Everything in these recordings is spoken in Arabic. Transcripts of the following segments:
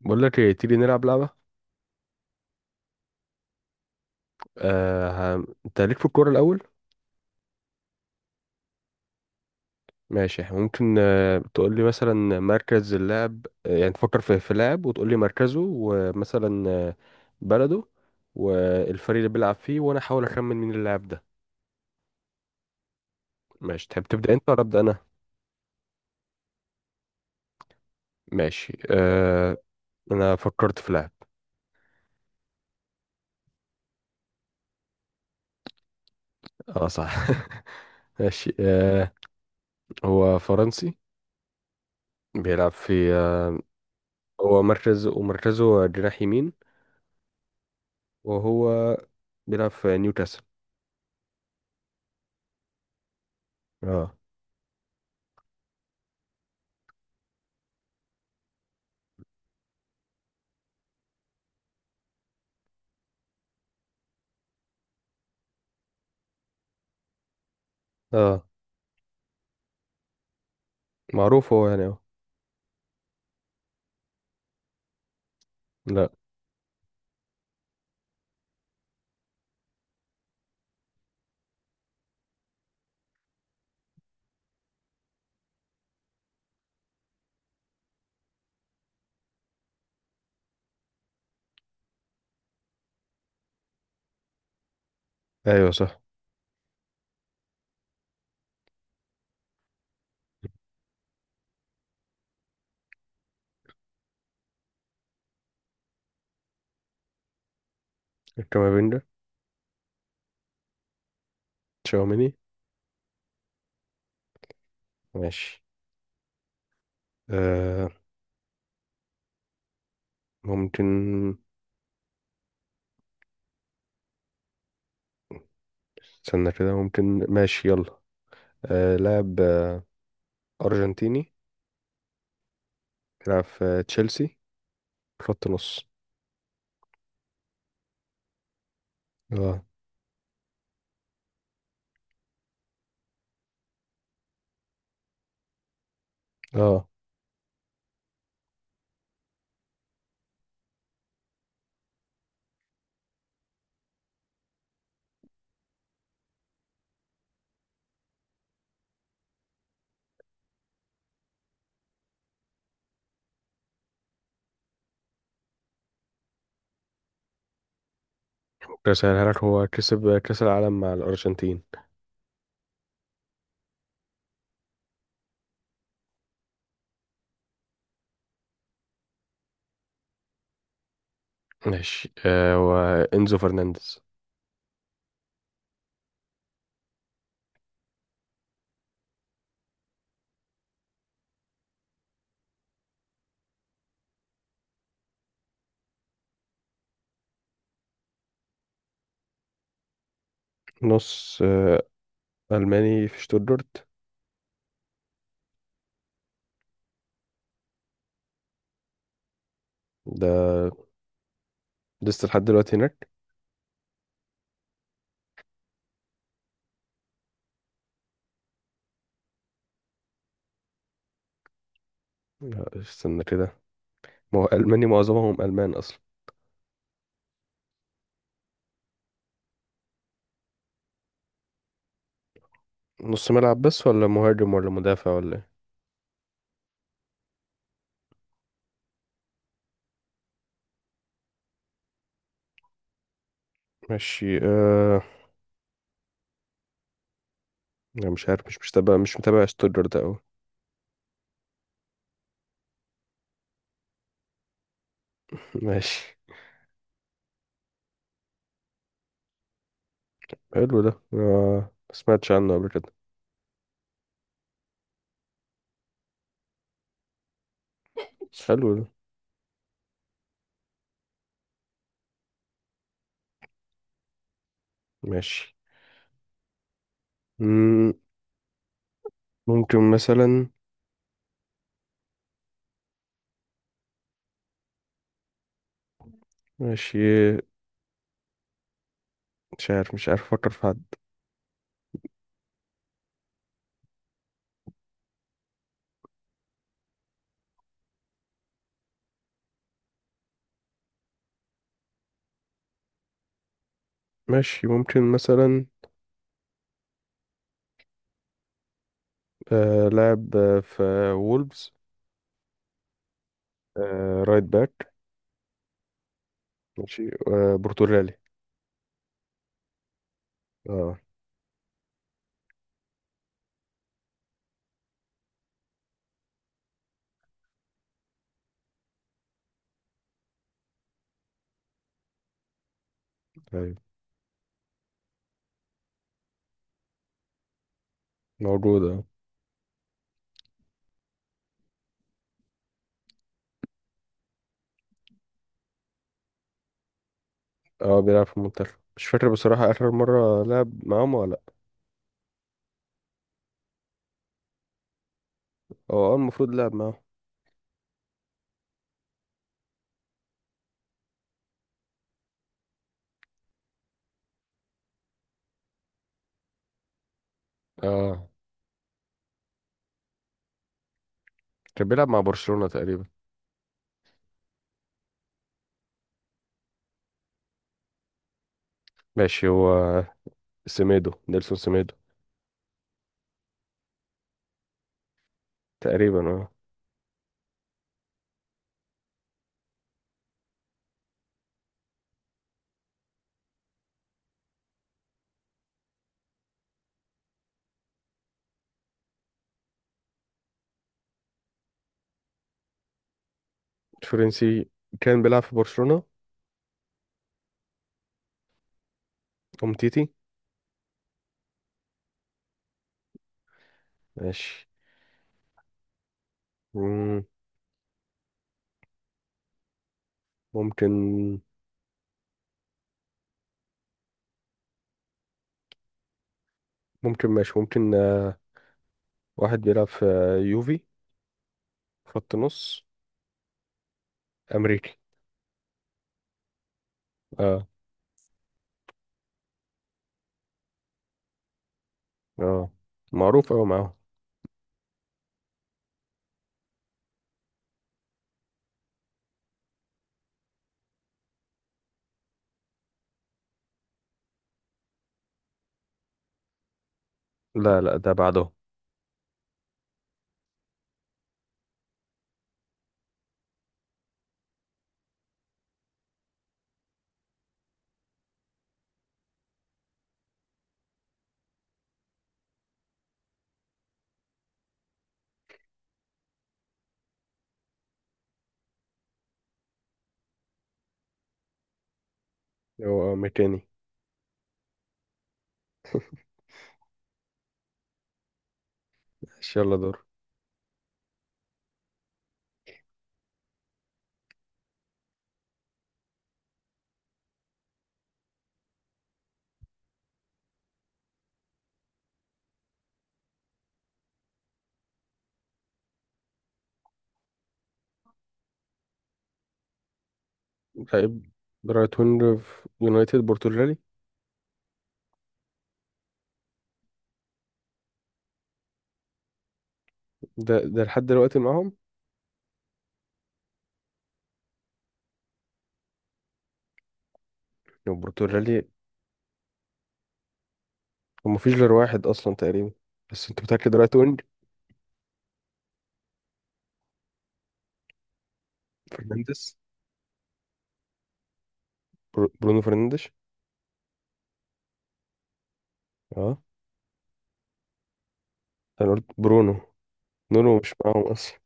بقول لك ايه؟ تيجي نلعب لعبة. انت ليك في الكورة الأول. ماشي، إحنا ممكن تقول لي مثلا مركز اللاعب، يعني تفكر في لاعب وتقول لي مركزه، ومثلا بلده والفريق اللي بيلعب فيه، وانا احاول اخمن مين اللاعب ده. ماشي، تحب تبدأ انت ولا أبدأ انا؟ ماشي انا فكرت في لاعب. اه صح. ماشي هو فرنسي، بيلعب في هو مركز، ومركزه جناح يمين، وهو بيلعب في نيوكاسل. اه. اه، معروف هو يعني اهو. لا. ايوه صح، الكامافينجا، تشاوميني. ماشي آه ممكن، استنى كده، ممكن، ماشي يلا. لاعب أرجنتيني، بيلعب في تشيلسي، خط نص. اه. اه، ممكن أسهلها لك، هو كسب كأس العالم مع الأرجنتين. ماشي وإنزو فرنانديز. نص ألماني في شتوتجارت. ده لسه لحد دلوقتي هناك؟ لا، استنى كده، ما هو ألماني، معظمهم ألمان أصلا. نص ملعب بس، ولا مهاجم، ولا مدافع، ولا ايه؟ ماشي أنا مش عارف، مش متابع، ستودر ده أوي. ماشي، حلو ده. ما سمعتش عنه قبل كده. حلو ده. ماشي. مم... ممكن مثلا. ماشي، مش عارف أفكر في حد. ماشي، ممكن مثلا لاعب في وولفز، رايت باك. ماشي برتغالي. اه. ايوه موجود اه. بيلعب في المنتخب، مش فاكر بصراحة آخر مرة لعب معاهم ولا لأ. هو اه المفروض لعب معاهم. اه، كان بيلعب مع برشلونة تقريبا. ماشي، هو سيميدو، نيلسون سيميدو. تقريبا اه، فرنسي كان بيلعب في برشلونة، أومتيتي. ماشي. مم، ممكن، ماشي، ممكن واحد بيلعب في يوفي، خط نص، أمريكي. اه. اه، معروف أوي معاهم. لا لا، ده بعده. هو ميكاني. ماشي، يلا دور. لعيب رايت وينج في يونايتد، برتغالي. ده لحد دلوقتي معاهم، البرتغالي. ومفيش غير واحد اصلا تقريبا، بس انت متاكد رايت وينج؟ فرنانديز، برونو فرنانديز. اه، انا قلت برونو، نونو مش معاهم اصلا.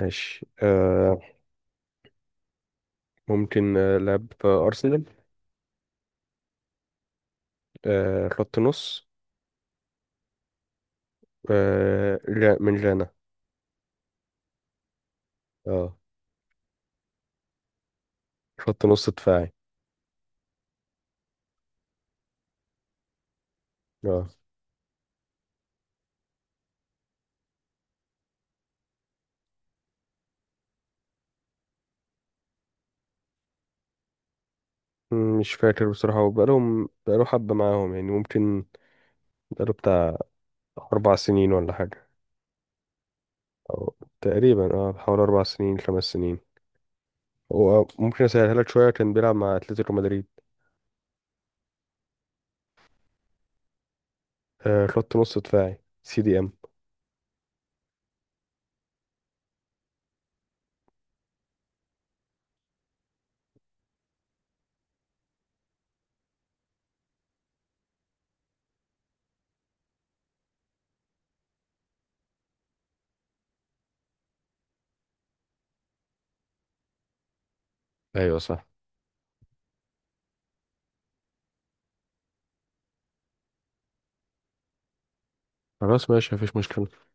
ماشي ممكن لعب في ارسنال، خط نص، من جانا. اه، خط نص دفاعي. اه، مش فاكر بصراحة، هو بقاله حبة معاهم يعني، ممكن بقاله بتاع 4 سنين ولا حاجة، أو تقريبا اه حوالي 4 سنين 5 سنين. هو ممكن أسهلها لك شوية، كان بيلعب مع أتلتيكو مدريد. خط نص دفاعي، CDM. ايوه صح. خلاص ماشي، مفيش مشكلة.